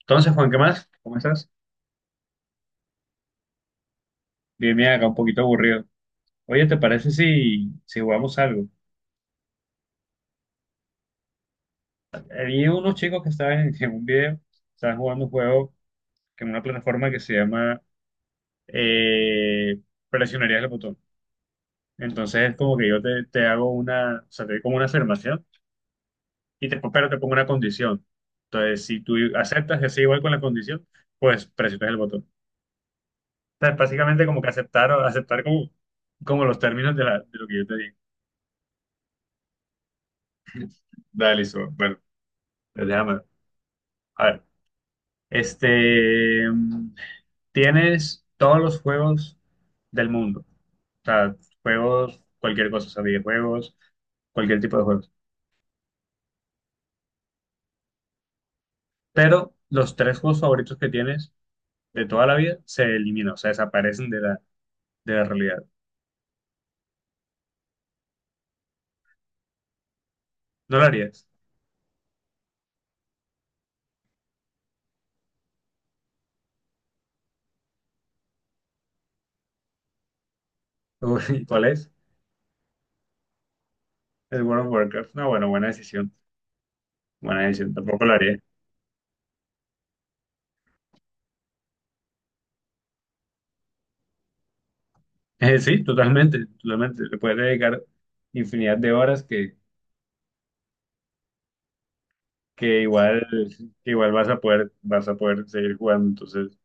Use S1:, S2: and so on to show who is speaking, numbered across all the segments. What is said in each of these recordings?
S1: Entonces, Juan, ¿qué más? ¿Cómo estás? Bien, bien, acá un poquito aburrido. Oye, ¿te parece si jugamos algo? Había unos chicos que estaban en un video, estaban jugando un juego que en una plataforma que se llama eh, Presionarías el botón. Entonces es como que yo te hago una, o sea, te doy como una afirmación y te, pero te pongo una condición. Entonces, si tú aceptas que sea igual con la condición, pues presionas el botón. O sea, es básicamente como que aceptar, aceptar como, como los términos de lo que yo te digo. Dale, listo. Bueno, pues déjame. A ver, este, mm, tienes todos los juegos del mundo, o sea, juegos, cualquier cosa, o sea, videojuegos, cualquier tipo de juegos, pero los tres juegos favoritos que tienes de toda la vida se eliminan, o sea, desaparecen de la realidad. ¿No lo harías? Uy, ¿cuál es? El World of Warcraft. No, bueno, buena decisión, tampoco lo haría. Sí, totalmente, totalmente, le puedes dedicar infinidad de horas que igual, que igual vas a poder seguir jugando. Entonces,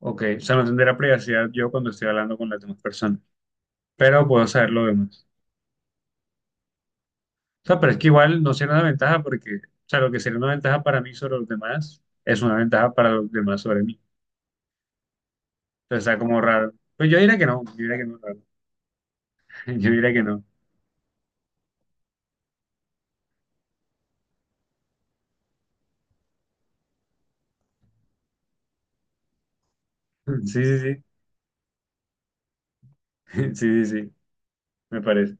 S1: ok, o sea, no tendré privacidad yo cuando estoy hablando con las demás personas, pero puedo saber lo demás. O sea, pero es que igual no sería una ventaja porque, o sea, lo que sería una ventaja para mí sobre los demás es una ventaja para los demás sobre mí. Entonces está como raro. Pues yo diría que no, yo diría que no, raro. Yo diría que no. Sí, sí, sí. Sí, sí, sí, me parece.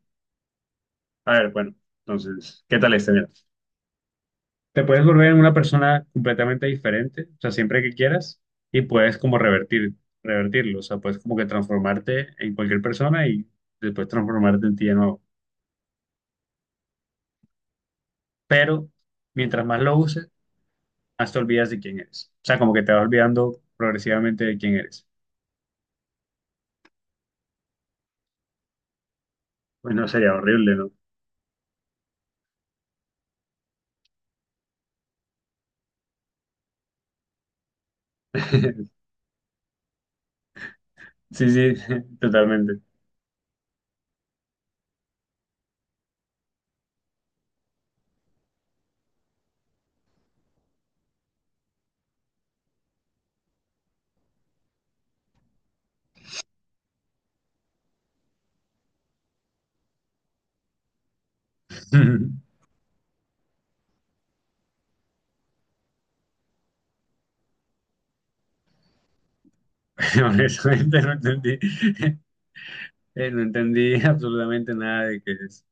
S1: A ver, bueno, entonces, ¿qué tal este? Mira. Te puedes volver en una persona completamente diferente, o sea, siempre que quieras, y puedes como revertir, revertirlo, o sea, puedes como que transformarte en cualquier persona y después transformarte en ti de nuevo. Pero mientras más lo uses, más te olvidas de quién eres. O sea, como que te vas olvidando progresivamente de quién eres. Pues no sería horrible, ¿no? Sí, sí, totalmente. Honestamente no entendí, no entendí absolutamente nada de qué es,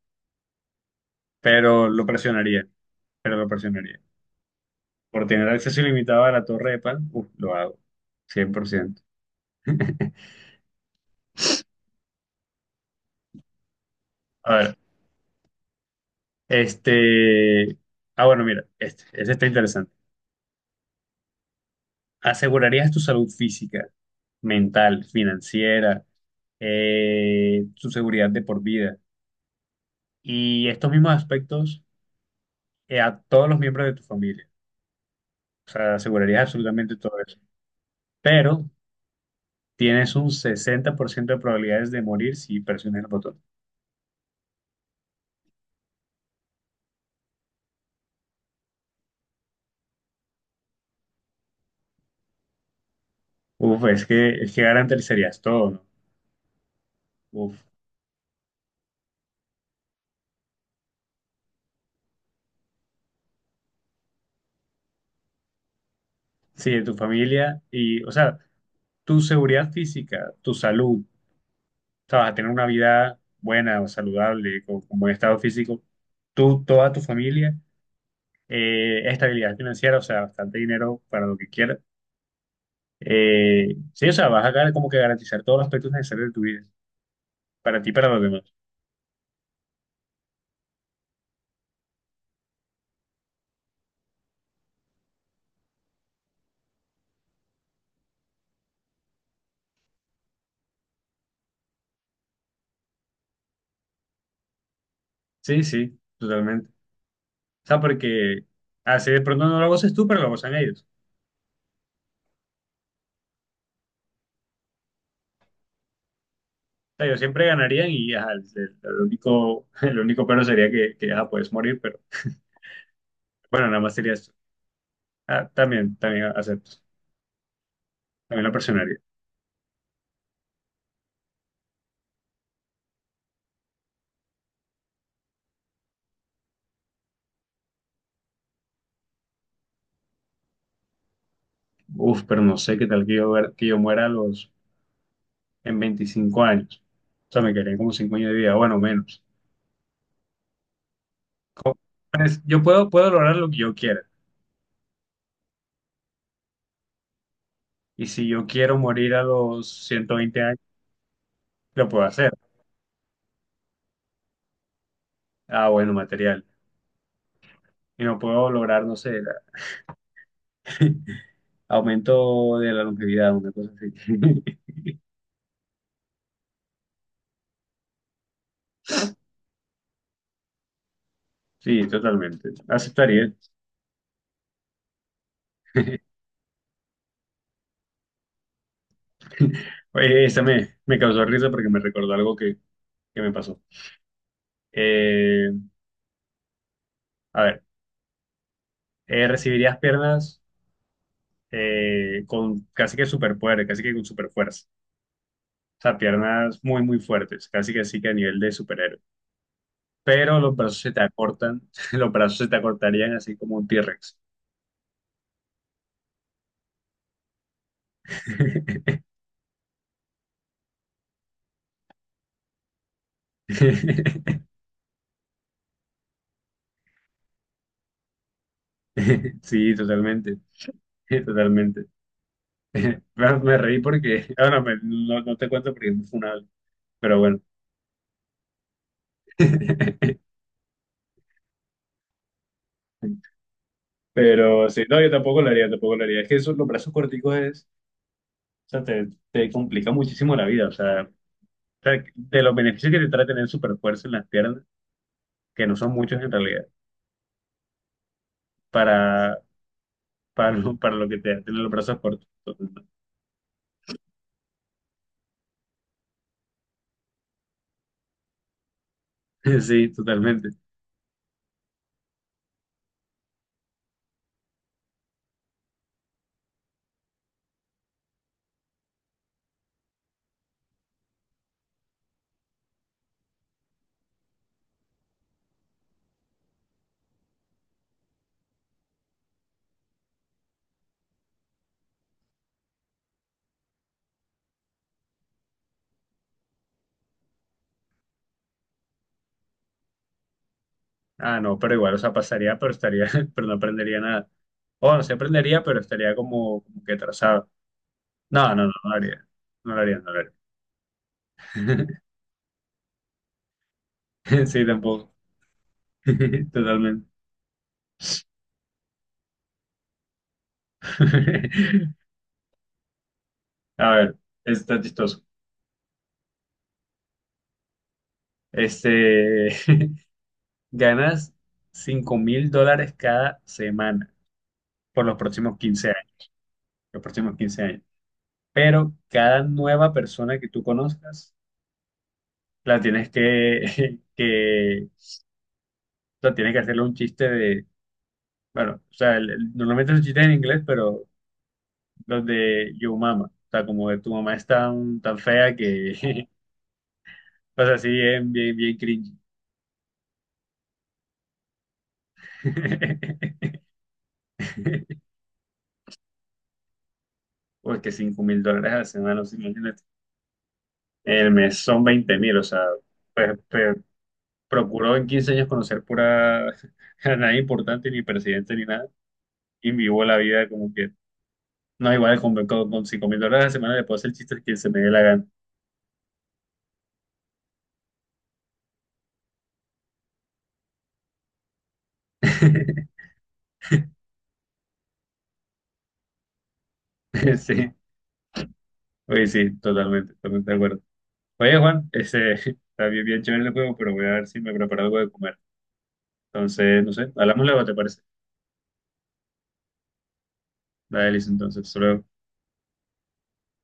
S1: pero lo presionaría, pero lo presionaría. Por tener acceso ilimitado a la torre de Pan, uf, lo hago, 100%. A ver, este... Ah, bueno, mira, este está interesante. ¿Asegurarías tu salud física, mental, financiera, tu seguridad de por vida y estos mismos aspectos a todos los miembros de tu familia? O sea, asegurarías absolutamente todo eso. Pero tienes un 60% de probabilidades de morir si presionas el botón. Uf, es que garantizarías todo, ¿no? Uf. Sí, de tu familia y, o sea, tu seguridad física, tu salud, o sea, vas a tener una vida buena o saludable, con buen estado físico, tú, toda tu familia, estabilidad financiera, o sea, bastante dinero para lo que quieras. Sí, o sea, vas a como que garantizar todos los aspectos necesarios de tu vida, para ti y para los demás. Sí, sí, totalmente. O sea, porque así de pronto no lo goces tú, pero lo gozan ellos. O sea, yo siempre ganarían y ajá, el, el único, el único pero sería que ajá, puedes morir, pero bueno, nada más sería. Ah, también, también acepto. También la presionaría. Uf, pero no sé qué tal que yo, que yo muera a los, en 25 años. O sea, me quedarían como 5 años de vida, bueno, menos. Pues, yo puedo, puedo lograr lo que yo quiera. Y si yo quiero morir a los 120 años, lo puedo hacer. Ah, bueno, material. Y no puedo lograr, no sé, aumento de la longevidad, una cosa así. Sí, totalmente. Aceptaría. Oye, esa me, me causó risa porque me recordó algo que me pasó. Eh, a ver. Recibirías piernas con casi que superpoder, casi que con superfuerza. O sea, piernas muy, muy fuertes, casi que así que a nivel de superhéroe. Pero los brazos se te acortan, los brazos se te acortarían así como un T-Rex. Sí, totalmente, totalmente. Bueno, me reí porque, bueno, no, no te cuento porque es muy funable, pero bueno. Pero sí, no, yo tampoco lo haría, tampoco lo haría. Es que eso, los brazos corticos es, o sea, te complica muchísimo la vida. O sea, sea, de los beneficios que te trae tener super fuerza en las piernas, que no son muchos en realidad, para, para lo que te da tener los brazos cortos. Sí, totalmente. Ah, no, pero igual, o sea, pasaría, pero estaría, pero no aprendería nada. O no se aprendería, pero estaría como, como que atrasado. No, no, no, no lo haría. No lo haría, no lo haría. Sí, tampoco. Totalmente. A ver, esto está chistoso. Este, ganas $5,000 cada semana por los próximos 15 años, los próximos quince años. Pero cada nueva persona que tú conozcas, la tienes que, que, la tienes que hacerle un chiste de, bueno, o sea, normalmente los chistes en inglés, pero los de yo mama, o sea, como de tu mamá es tan, tan fea que, o sea, sí, bien, bien, bien cringe. Porque $5,000 a la semana, no sé, imagínate. El mes son 20,000, o sea, pues, procuró en 15 años conocer pura a nadie importante, ni presidente, ni nada, y vivió la vida como que no igual con 5 mil dólares a la semana le puedo hacer chistes que se me dé la gana. Sí, oye, sí, totalmente, totalmente de acuerdo. Oye, Juan, ese está bien, bien chévere el juego, pero voy a ver si me preparo algo de comer. Entonces, no sé, hablamos luego, ¿te parece? Dale, listo, entonces, solo